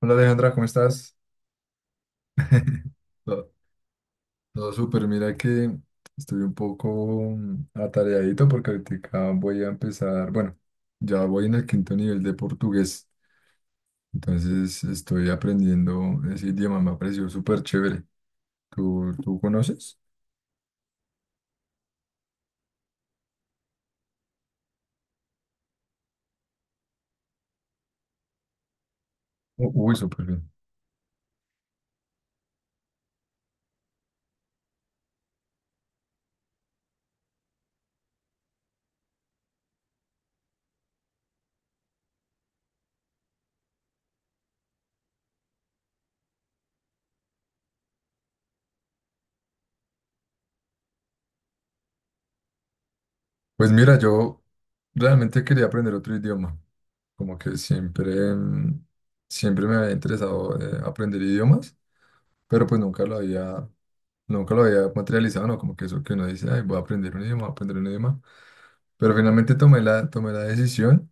Hola Alejandra, ¿cómo estás? Todo, todo súper, mira que estoy un poco atareadito porque ahorita voy a empezar, bueno, ya voy en el quinto nivel de portugués, entonces estoy aprendiendo ese idioma, me ha parecido súper chévere. ¿¿Tú conoces? Uy, súper bien. Pues mira, yo realmente quería aprender otro idioma, como que siempre me había interesado aprender idiomas, pero pues nunca lo había materializado, ¿no? Como que eso que uno dice, ay, voy a aprender un idioma, voy a aprender un idioma. Pero finalmente tomé la decisión.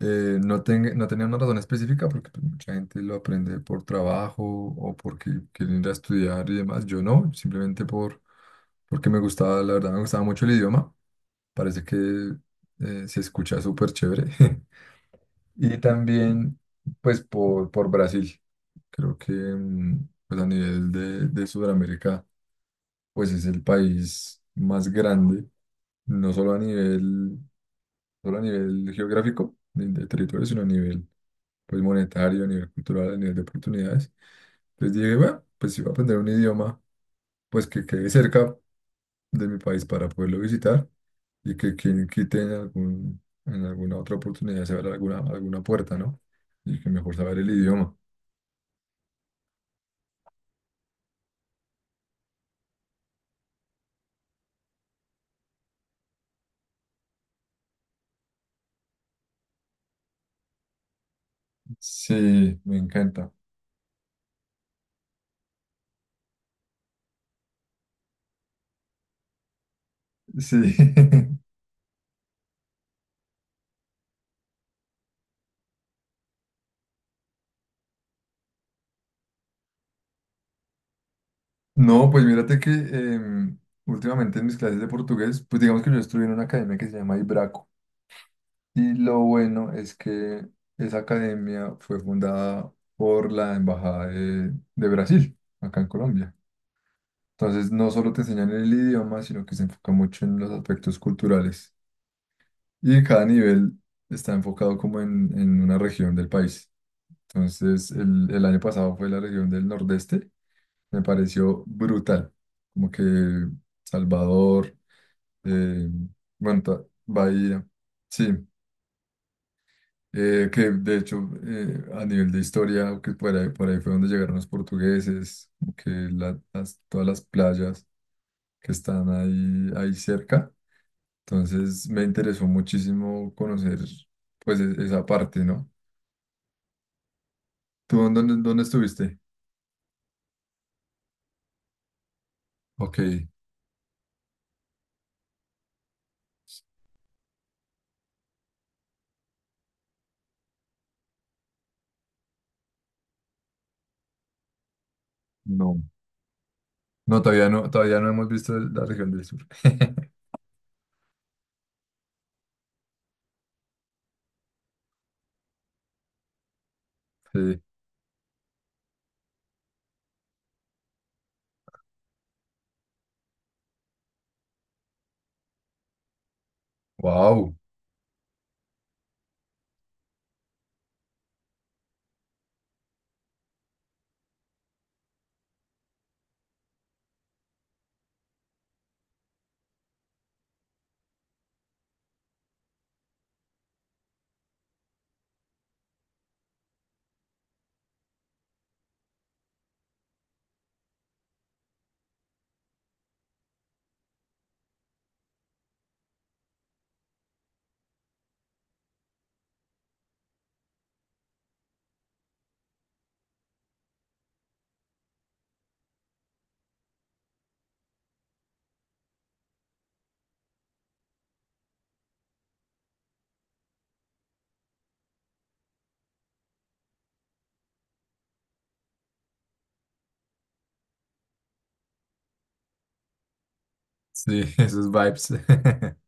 No, no tenía una razón específica porque pues, mucha gente lo aprende por trabajo o porque quieren ir a estudiar y demás. Yo no, simplemente porque me gustaba, la verdad, me gustaba mucho el idioma. Parece que se escucha súper chévere. Y también, pues, por Brasil. Creo que pues, a nivel de Sudamérica, pues es el país más grande, no solo a nivel, solo a nivel geográfico de territorio, sino a nivel pues monetario, a nivel cultural, a nivel de oportunidades. Entonces dije, bueno, pues si voy a aprender un idioma, pues que quede cerca de mi país para poderlo visitar y que quien quite en algún, en alguna otra oportunidad se abra alguna puerta, ¿no? Y que mejor saber el idioma. Sí, me encanta. Sí. No, pues mírate que últimamente en mis clases de portugués, pues digamos que yo estuve en una academia que se llama Ibraco. Y lo bueno es que esa academia fue fundada por la Embajada de Brasil, acá en Colombia. Entonces no solo te enseñan el idioma, sino que se enfoca mucho en los aspectos culturales. Y cada nivel está enfocado como en una región del país. Entonces el año pasado fue la región del Nordeste. Me pareció brutal. Como que Salvador. Eh, bueno, ta- Bahía, sí, que de hecho a nivel de historia, que por ahí fue donde llegaron los portugueses, como que todas las playas que están ahí, ahí cerca. Entonces me interesó muchísimo conocer pues esa parte, ¿no? ¿Tú en dónde estuviste? Ok, no, no, todavía no hemos visto la región del sur. Sí, wow, sí, esos vibes.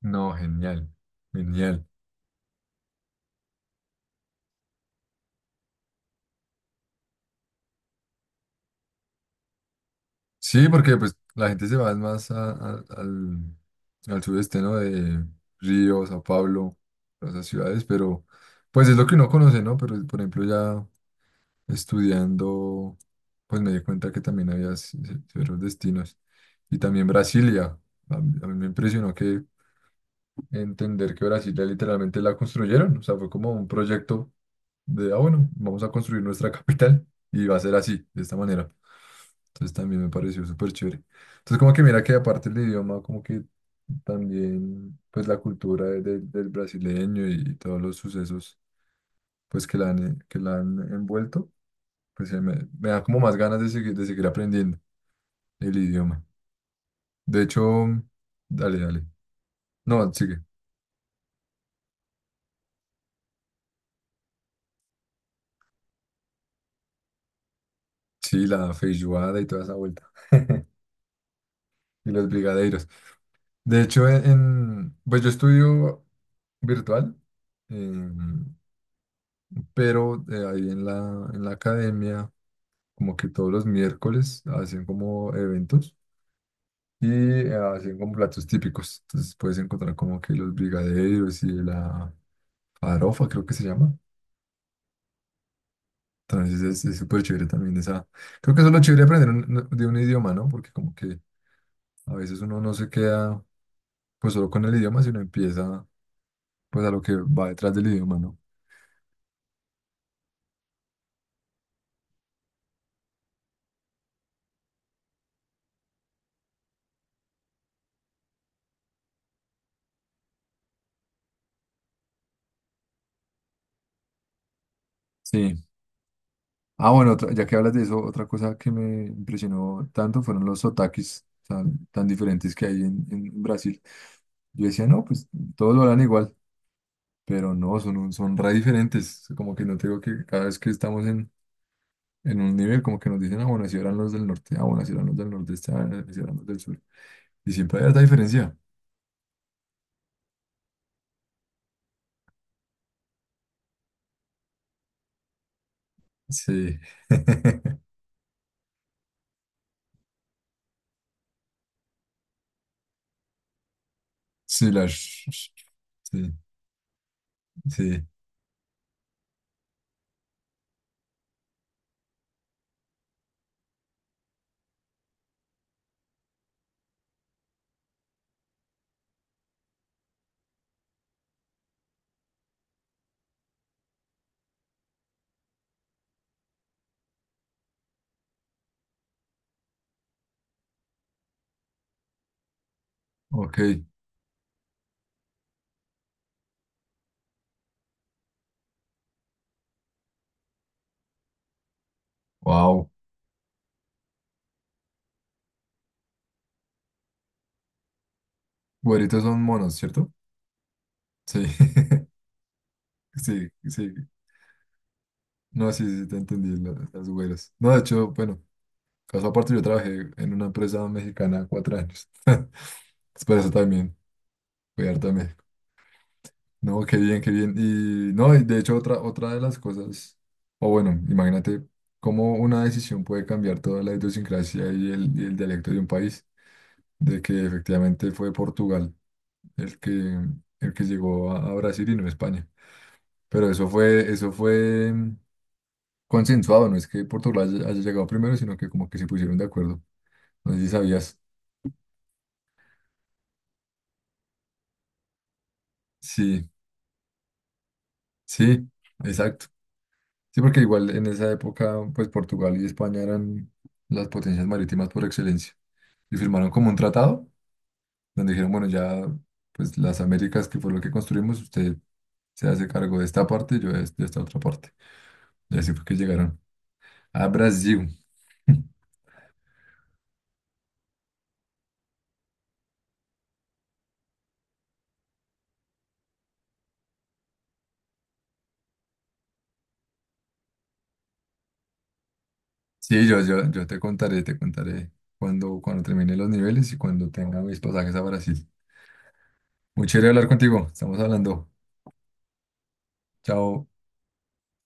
No, genial, genial. Sí, porque pues la gente se va más al sudeste, ¿no? De Río, Sao Paulo, todas esas ciudades, pero pues es lo que uno conoce, ¿no? Pero por ejemplo ya estudiando, pues me di cuenta que también había otros destinos. Y también Brasilia. A mí me impresionó que entender que Brasilia literalmente la construyeron, o sea, fue como un proyecto de, ah, bueno, vamos a construir nuestra capital y va a ser así, de esta manera. Entonces también me pareció súper chévere. Entonces como que mira que aparte el idioma, como que también pues la cultura del brasileño y todos los sucesos pues que la han envuelto, pues me da como más ganas de seguir aprendiendo el idioma. De hecho, dale, dale. No, sigue. Sí, la feijoada y toda esa vuelta. Y los brigadeiros. De hecho, pues yo estudio virtual, em, pero ahí en la academia, como que todos los miércoles hacen como eventos y hacen como platos típicos. Entonces puedes encontrar como que los brigadeiros y la farofa, creo que se llama. Entonces es súper chévere también esa. Creo que eso es lo chévere de aprender no, de un idioma, ¿no? Porque como que a veces uno no se queda pues solo con el idioma, sino empieza pues a lo que va detrás del idioma, ¿no? Sí. Ah, bueno, otra- ya que hablas de eso, otra cosa que me impresionó tanto fueron los otakis tan, tan diferentes que hay en Brasil. Yo decía, no, pues todos lo harán igual, pero no, son re diferentes. Como que no tengo que cada vez que estamos en un nivel, como que nos dicen, ah, bueno, así eran los del norte, ah, bueno, así eran los del nordeste, ah, así eran los del sur. Y siempre hay esta diferencia. Sí. Sí, las. Sí, sí. Ok. Wow. Güeritos son monos, ¿cierto? Sí. Sí, sí. No, sí, sí, te entendí, la- las güeras. No, de hecho, bueno, caso aparte, yo trabajé en una empresa mexicana 4 años. Es por eso también, fui harto a México. No, qué bien, qué bien. Y no, y de hecho, otra, otra de las cosas, o bueno, imagínate cómo una decisión puede cambiar toda la idiosincrasia y el dialecto de un país, de que efectivamente fue Portugal el que, el que llegó a Brasil y no España. Pero consensuado, no es que Portugal haya llegado primero, sino que como que se pusieron de acuerdo. No sé si sabías. Sí, sí, exacto. Sí, porque igual en esa época, pues Portugal y España eran las potencias marítimas por excelencia. Y firmaron como un tratado donde dijeron, bueno, ya, pues las Américas, que fue lo que construimos, usted se hace cargo de esta parte y yo de esta otra parte. Y así fue que llegaron a Brasil. Sí, yo te contaré cuando termine los niveles y cuando tenga mis pasajes a Brasil. Muy chévere hablar contigo. Estamos hablando. Chao.